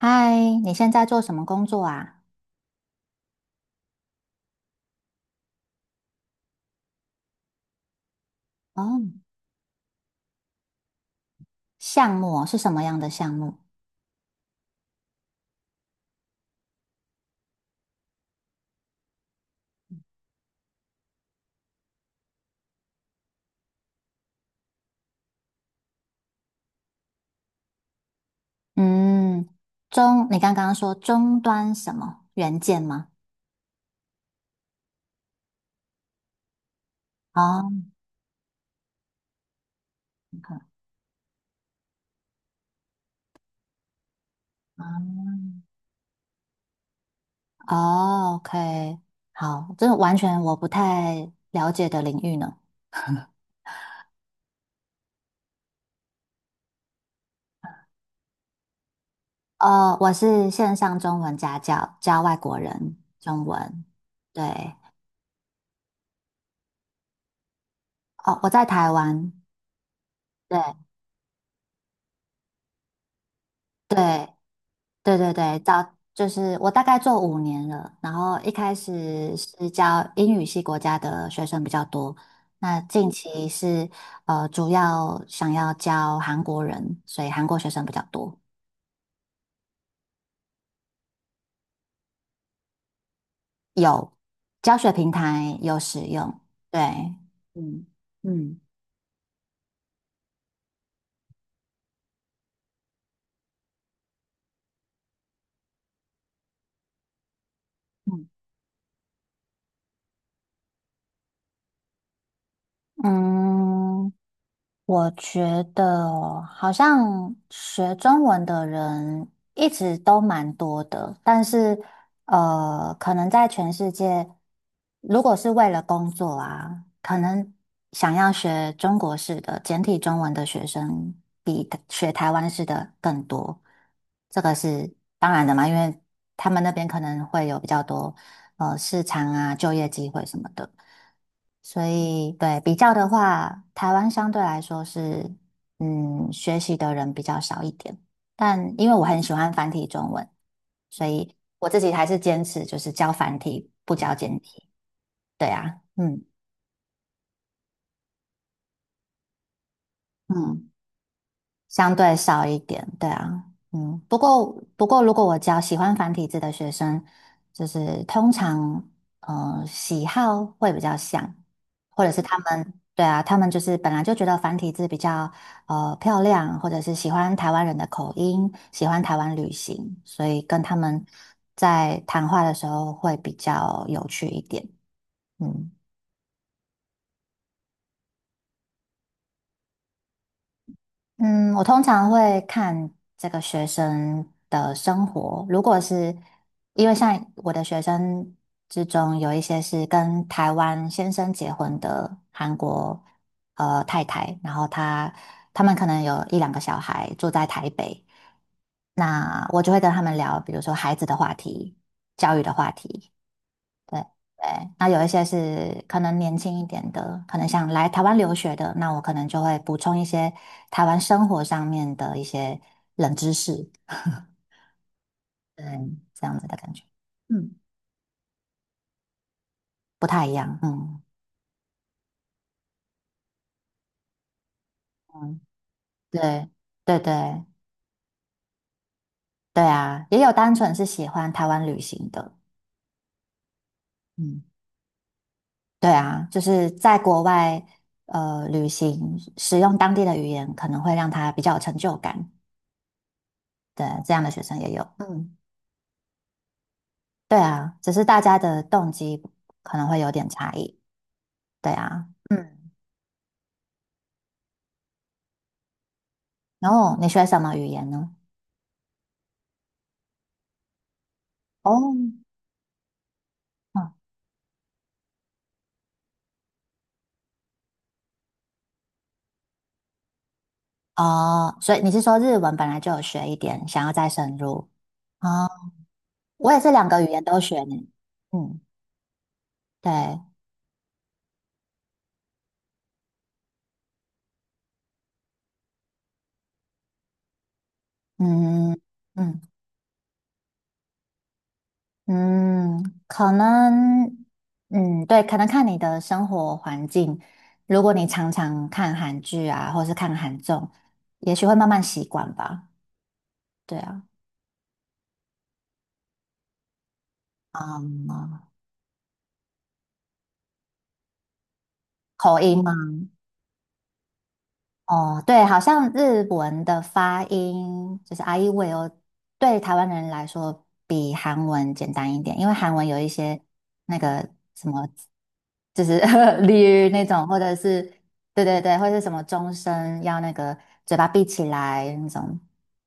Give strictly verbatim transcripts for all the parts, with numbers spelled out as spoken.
嗨，你现在做什么工作啊？哦，项目哦是什么样的项目？嗯，中，你刚刚说终端什么元件吗？哦，哦，OK，好，这完全我不太了解的领域呢。哦，我是线上中文家教，教外国人中文。对，哦，我在台湾。对对，对对对，早就是我大概做五年了，然后一开始是教英语系国家的学生比较多，那近期是呃主要想要教韩国人，所以韩国学生比较多，有教学平台有使用，对，嗯嗯嗯。嗯我觉得哦好像学中文的人一直都蛮多的，但是呃，可能在全世界，如果是为了工作啊，可能想要学中国式的简体中文的学生比台学台湾式的更多，这个是当然的嘛，因为他们那边可能会有比较多呃市场啊、就业机会什么的。所以对比较的话，台湾相对来说是嗯学习的人比较少一点，但因为我很喜欢繁体中文，所以我自己还是坚持就是教繁体不教简体。对啊，嗯。嗯。相对少一点，对啊，嗯，不过不过，如果我教喜欢繁体字的学生，就是通常，呃，喜好会比较像，或者是他们，对啊，他们就是本来就觉得繁体字比较呃漂亮，或者是喜欢台湾人的口音，喜欢台湾旅行，所以跟他们在谈话的时候会比较有趣一点，嗯。嗯，我通常会看这个学生的生活。如果是因为像我的学生之中，有一些是跟台湾先生结婚的韩国呃太太，然后他他们可能有一两个小孩住在台北，那我就会跟他们聊，比如说孩子的话题、教育的话题。对对，那有一些是可能年轻一点的，可能想来台湾留学的，那我可能就会补充一些台湾生活上面的一些冷知识，嗯，这样子的感觉，嗯，不太一样，嗯嗯，对对对对啊，也有单纯是喜欢台湾旅行的，嗯，对啊，就是在国外呃旅行，使用当地的语言可能会让他比较有成就感，对，这样的学生也有，嗯。对啊，只是大家的动机可能会有点差异。对啊，嗯，然后你学什么语言呢？哦，哦哦，所以你是说日文本来就有学一点，想要再深入？哦，我也是两个语言都学呢。嗯，对，嗯嗯嗯，可能，嗯，对，可能看你的生活环境，如果你常常看韩剧啊，或是看韩综，也许会慢慢习惯吧。对啊，嗯。口音吗？哦，对，好像日文的发音就是 i e w i 对台湾人来说比韩文简单一点，因为韩文有一些那个就是 l y 那种，或者是对对对，或者是什么终身要那个嘴巴闭起来那种，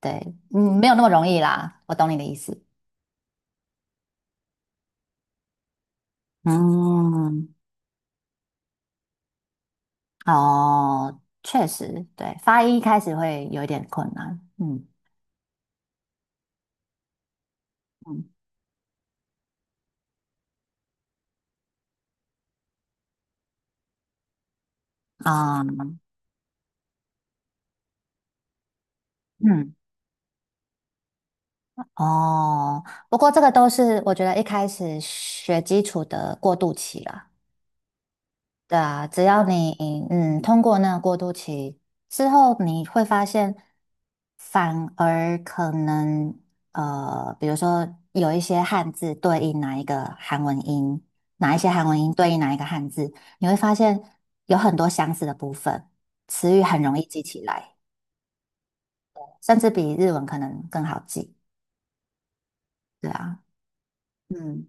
对，嗯，没有那么容易啦，我懂你的意思。嗯，哦，确实，对，发音一开始会有一点困难，嗯嗯啊，嗯哦，不过这个都是我觉得一开始学基础的过渡期啦。对啊，只要你嗯通过那个过渡期之后，你会发现，反而可能呃，比如说有一些汉字对应哪一个韩文音，哪一些韩文音对应哪一个汉字，你会发现有很多相似的部分，词语很容易记起来，甚至比日文可能更好记。对啊，嗯。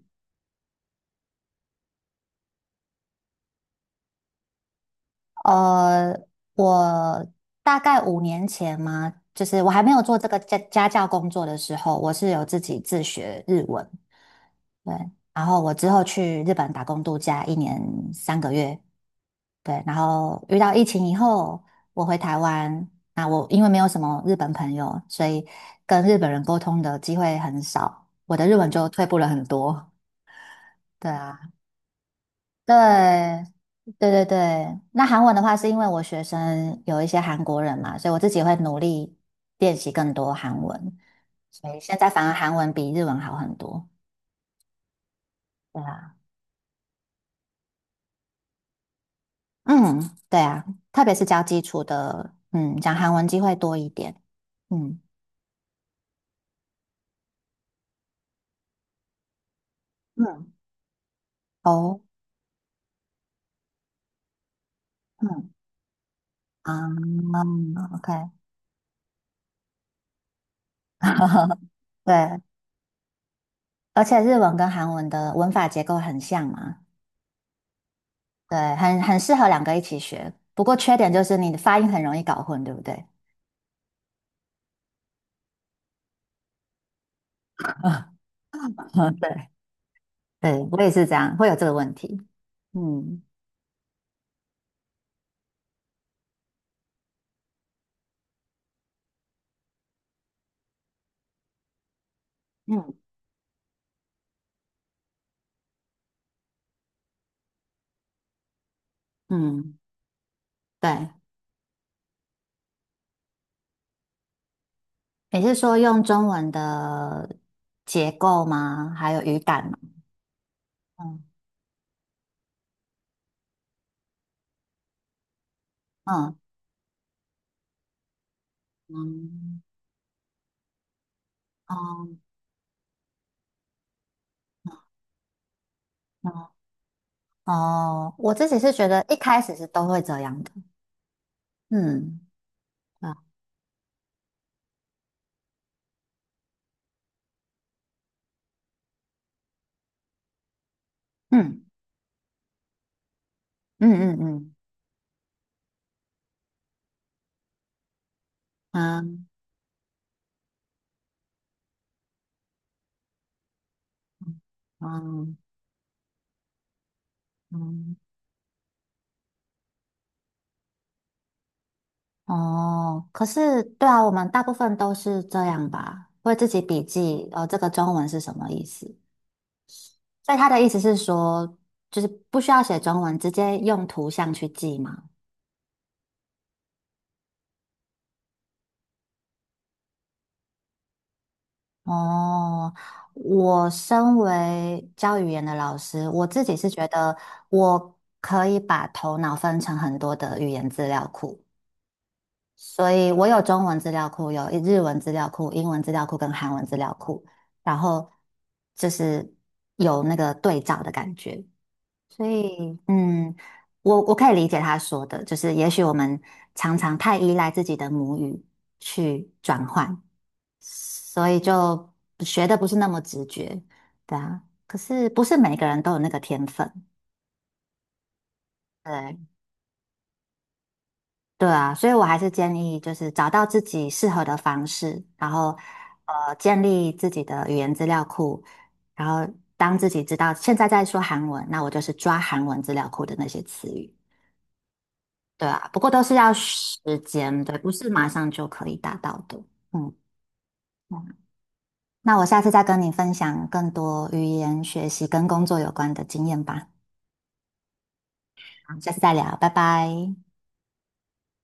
呃，我大概五年前嘛，就是我还没有做这个家家教工作的时候，我是有自己自学日文。对，然后我之后去日本打工度假一年三个月。对，然后遇到疫情以后，我回台湾。那我因为没有什么日本朋友，所以跟日本人沟通的机会很少，我的日文就退步了很多。对啊。对，对对对。那韩文的话，是因为我学生有一些韩国人嘛，所以我自己会努力练习更多韩文，所以现在反而韩文比日文好很多。对啊，嗯，对啊，特别是教基础的，嗯，讲韩文机会多一点。嗯嗯，哦，嗯啊嗯，OK，对，而且日文跟韩文的文法结构很像嘛。对，很很适合两个一起学。不过缺点就是你的发音很容易搞混，对不对？对，对，我也是这样，会有这个问题。嗯嗯嗯，对。你是说用中文的结构吗？还有语感吗？嗯嗯嗯哦哦哦，我自己是觉得一开始是都会这样的。嗯啊嗯嗯嗯嗯嗯嗯嗯。哦，可是对啊，我们大部分都是这样吧，会自己笔记，呃，这个中文是什么意思？所以他的意思是说，就是不需要写中文，直接用图像去记嘛。哦，我身为教语言的老师，我自己是觉得我可以把头脑分成很多的语言资料库。所以我有中文资料库，有日文资料库、英文资料库跟韩文资料库，然后就是有那个对照的感觉。所以，嗯，我我可以理解他说的，就是也许我们常常太依赖自己的母语去转换，所以就学的不是那么直觉，对啊。可是不是每个人都有那个天分，对。对啊，所以我还是建议就是找到自己适合的方式，然后呃建立自己的语言资料库，然后当自己知道现在在说韩文，那我就是抓韩文资料库的那些词语，对啊，不过都是要时间，对，不是马上就可以达到的。嗯，那我下次再跟你分享更多语言学习跟工作有关的经验吧。好，下次再聊，拜拜。